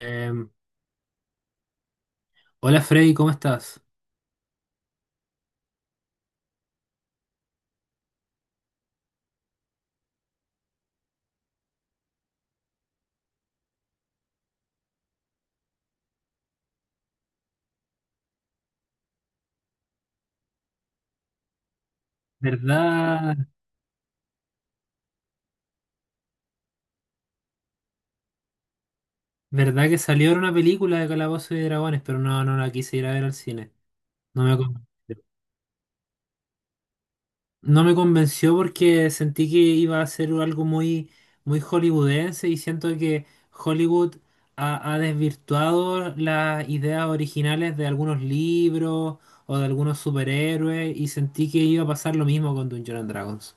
Em, Hola Freddy, ¿cómo estás? ¿Verdad, verdad que salió ahora una película de Calabozos y Dragones, pero no, no la quise ir a ver al cine? No me convenció. No me convenció porque sentí que iba a ser algo muy, muy hollywoodense, y siento que Hollywood ha, ha desvirtuado las ideas originales de algunos libros o de algunos superhéroes, y sentí que iba a pasar lo mismo con Dungeons and Dragons.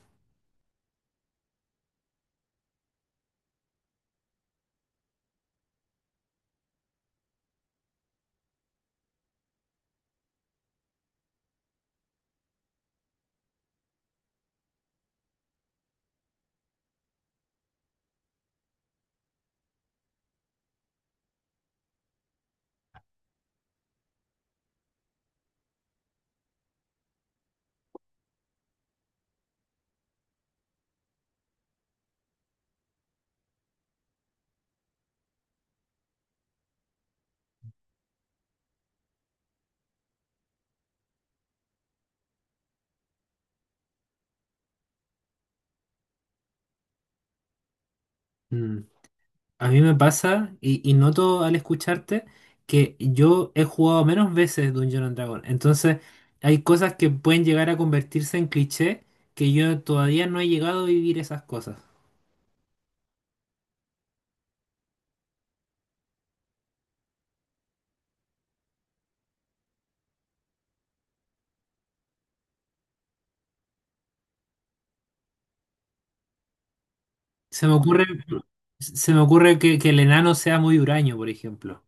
A mí me pasa, y noto al escucharte que yo he jugado menos veces Dungeon and Dragon. Entonces, hay cosas que pueden llegar a convertirse en cliché que yo todavía no he llegado a vivir esas cosas. Se me ocurre, se me ocurre que el enano sea muy huraño, por ejemplo.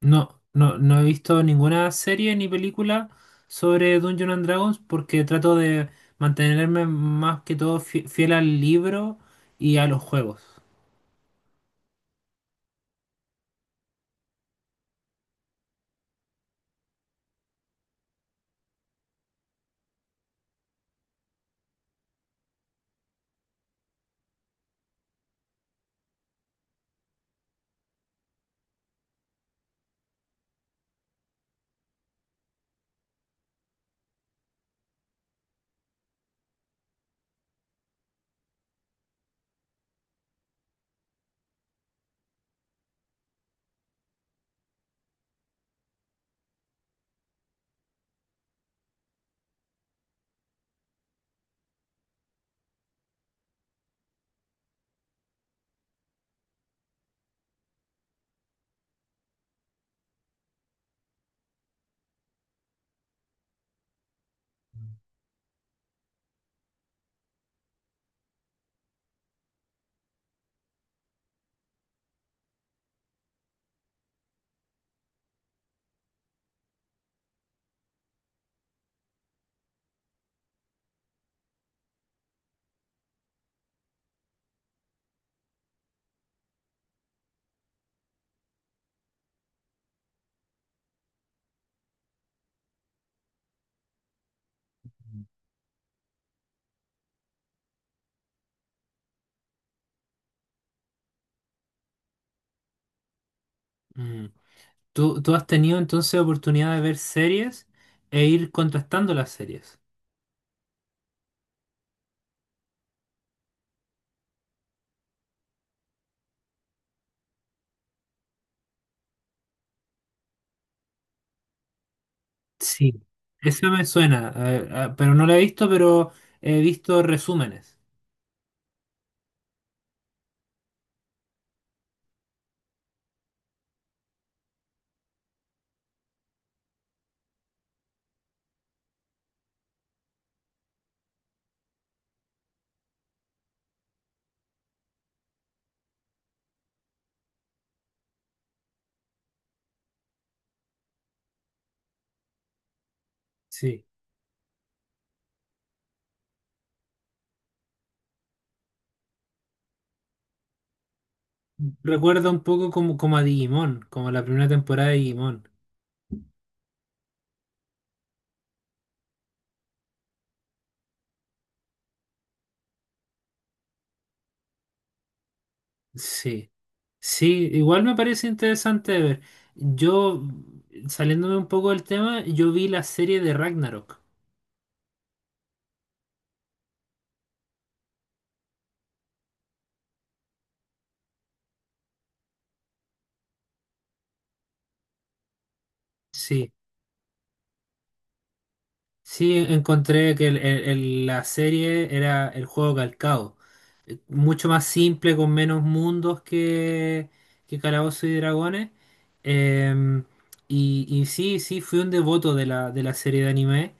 No, no, no he visto ninguna serie ni película sobre Dungeon and Dragons porque trato de mantenerme más que todo fiel al libro y a los juegos. Mm. Tú has tenido entonces oportunidad de ver series e ir contrastando las series. Sí. Eso me suena, pero no la he visto, pero he visto resúmenes. Sí, recuerda un poco como, como a Digimon, como la primera temporada de Digimon. Sí, sí, igual me parece interesante de ver. Yo, saliéndome un poco del tema, yo vi la serie de Ragnarok. Sí, sí, encontré que la serie era el juego calcado, mucho más simple, con menos mundos que Calabozos y Dragones. Eh, y, y sí, sí, fui un devoto de la serie de anime.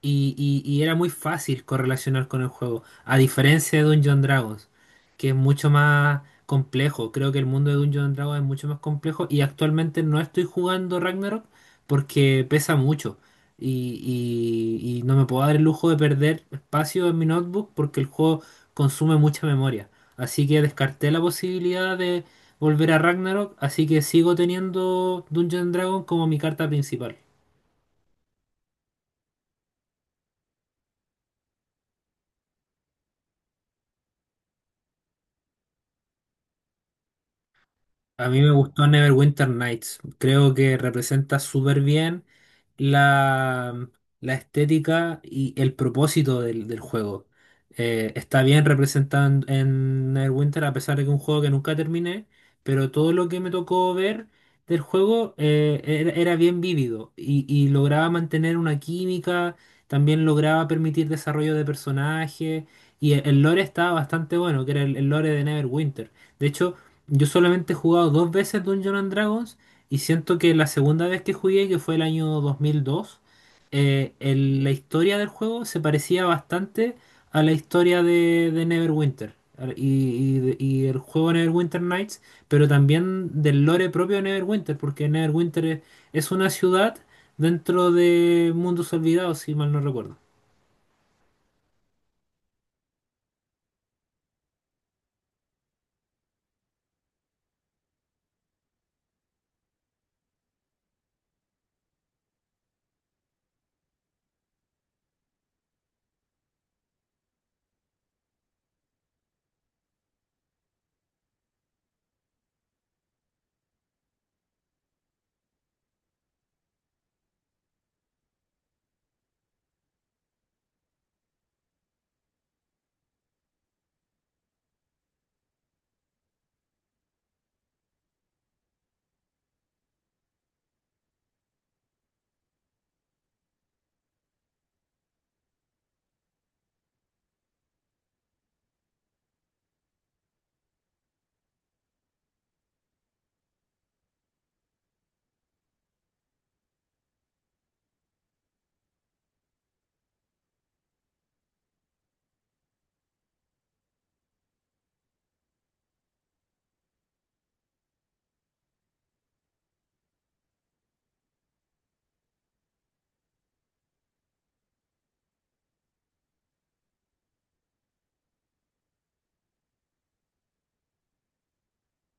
Y, y era muy fácil correlacionar con el juego, a diferencia de Dungeons and Dragons, que es mucho más complejo. Creo que el mundo de Dungeons and Dragons es mucho más complejo, y actualmente no estoy jugando Ragnarok porque pesa mucho. Y, y no me puedo dar el lujo de perder espacio en mi notebook porque el juego consume mucha memoria. Así que descarté la posibilidad de volver a Ragnarok, así que sigo teniendo Dungeon Dragon como mi carta principal. A mí me gustó Neverwinter Nights. Creo que representa súper bien la, la estética y el propósito del, del juego. Está bien representado en Neverwinter, a pesar de que es un juego que nunca terminé, pero todo lo que me tocó ver del juego era, era bien vívido, y lograba mantener una química, también lograba permitir desarrollo de personajes, y el lore estaba bastante bueno, que era el lore de Neverwinter. De hecho, yo solamente he jugado dos veces Dungeons and Dragons, y siento que la segunda vez que jugué, que fue el año 2002, la historia del juego se parecía bastante a la historia de Neverwinter y, y el juego Neverwinter Nights, pero también del lore propio de Neverwinter, porque Neverwinter es una ciudad dentro de Mundos Olvidados, si mal no recuerdo.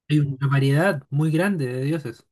Hay una variedad muy grande de dioses.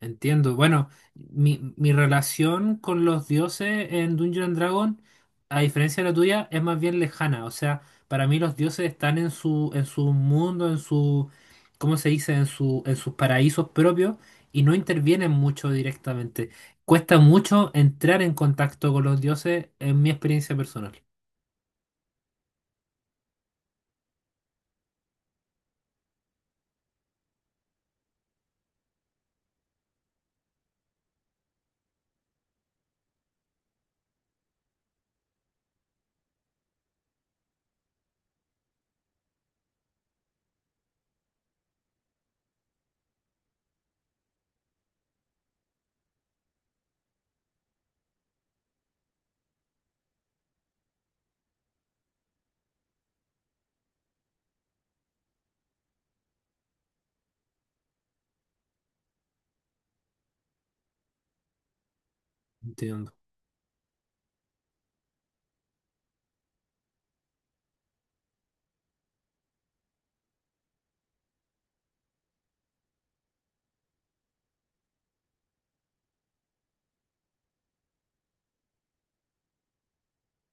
Entiendo. Bueno, mi relación con los dioses en Dungeon and Dragon, a diferencia de la tuya, es más bien lejana. O sea, para mí los dioses están en su mundo, en su, ¿cómo se dice? En su, en sus paraísos propios, y no intervienen mucho directamente. Cuesta mucho entrar en contacto con los dioses en mi experiencia personal. Entiendo.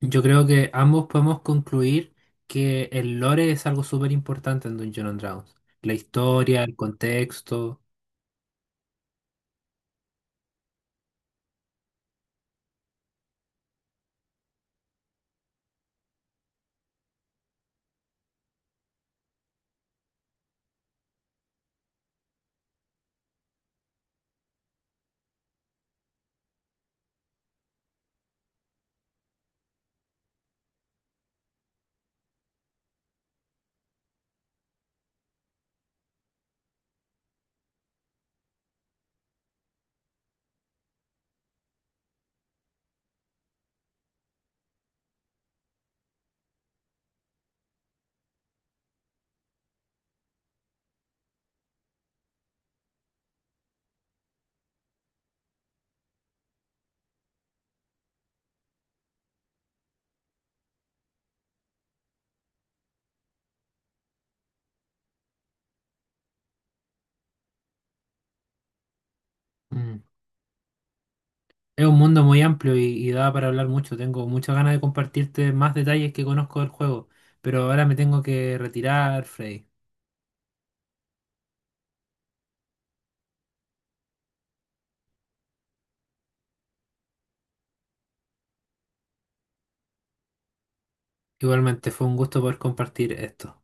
Yo creo que ambos podemos concluir que el lore es algo súper importante en Dungeon and Dragons. La historia, el contexto. Mm. Es un mundo muy amplio, y da para hablar mucho. Tengo muchas ganas de compartirte más detalles que conozco del juego, pero ahora me tengo que retirar, Freddy. Igualmente, fue un gusto poder compartir esto.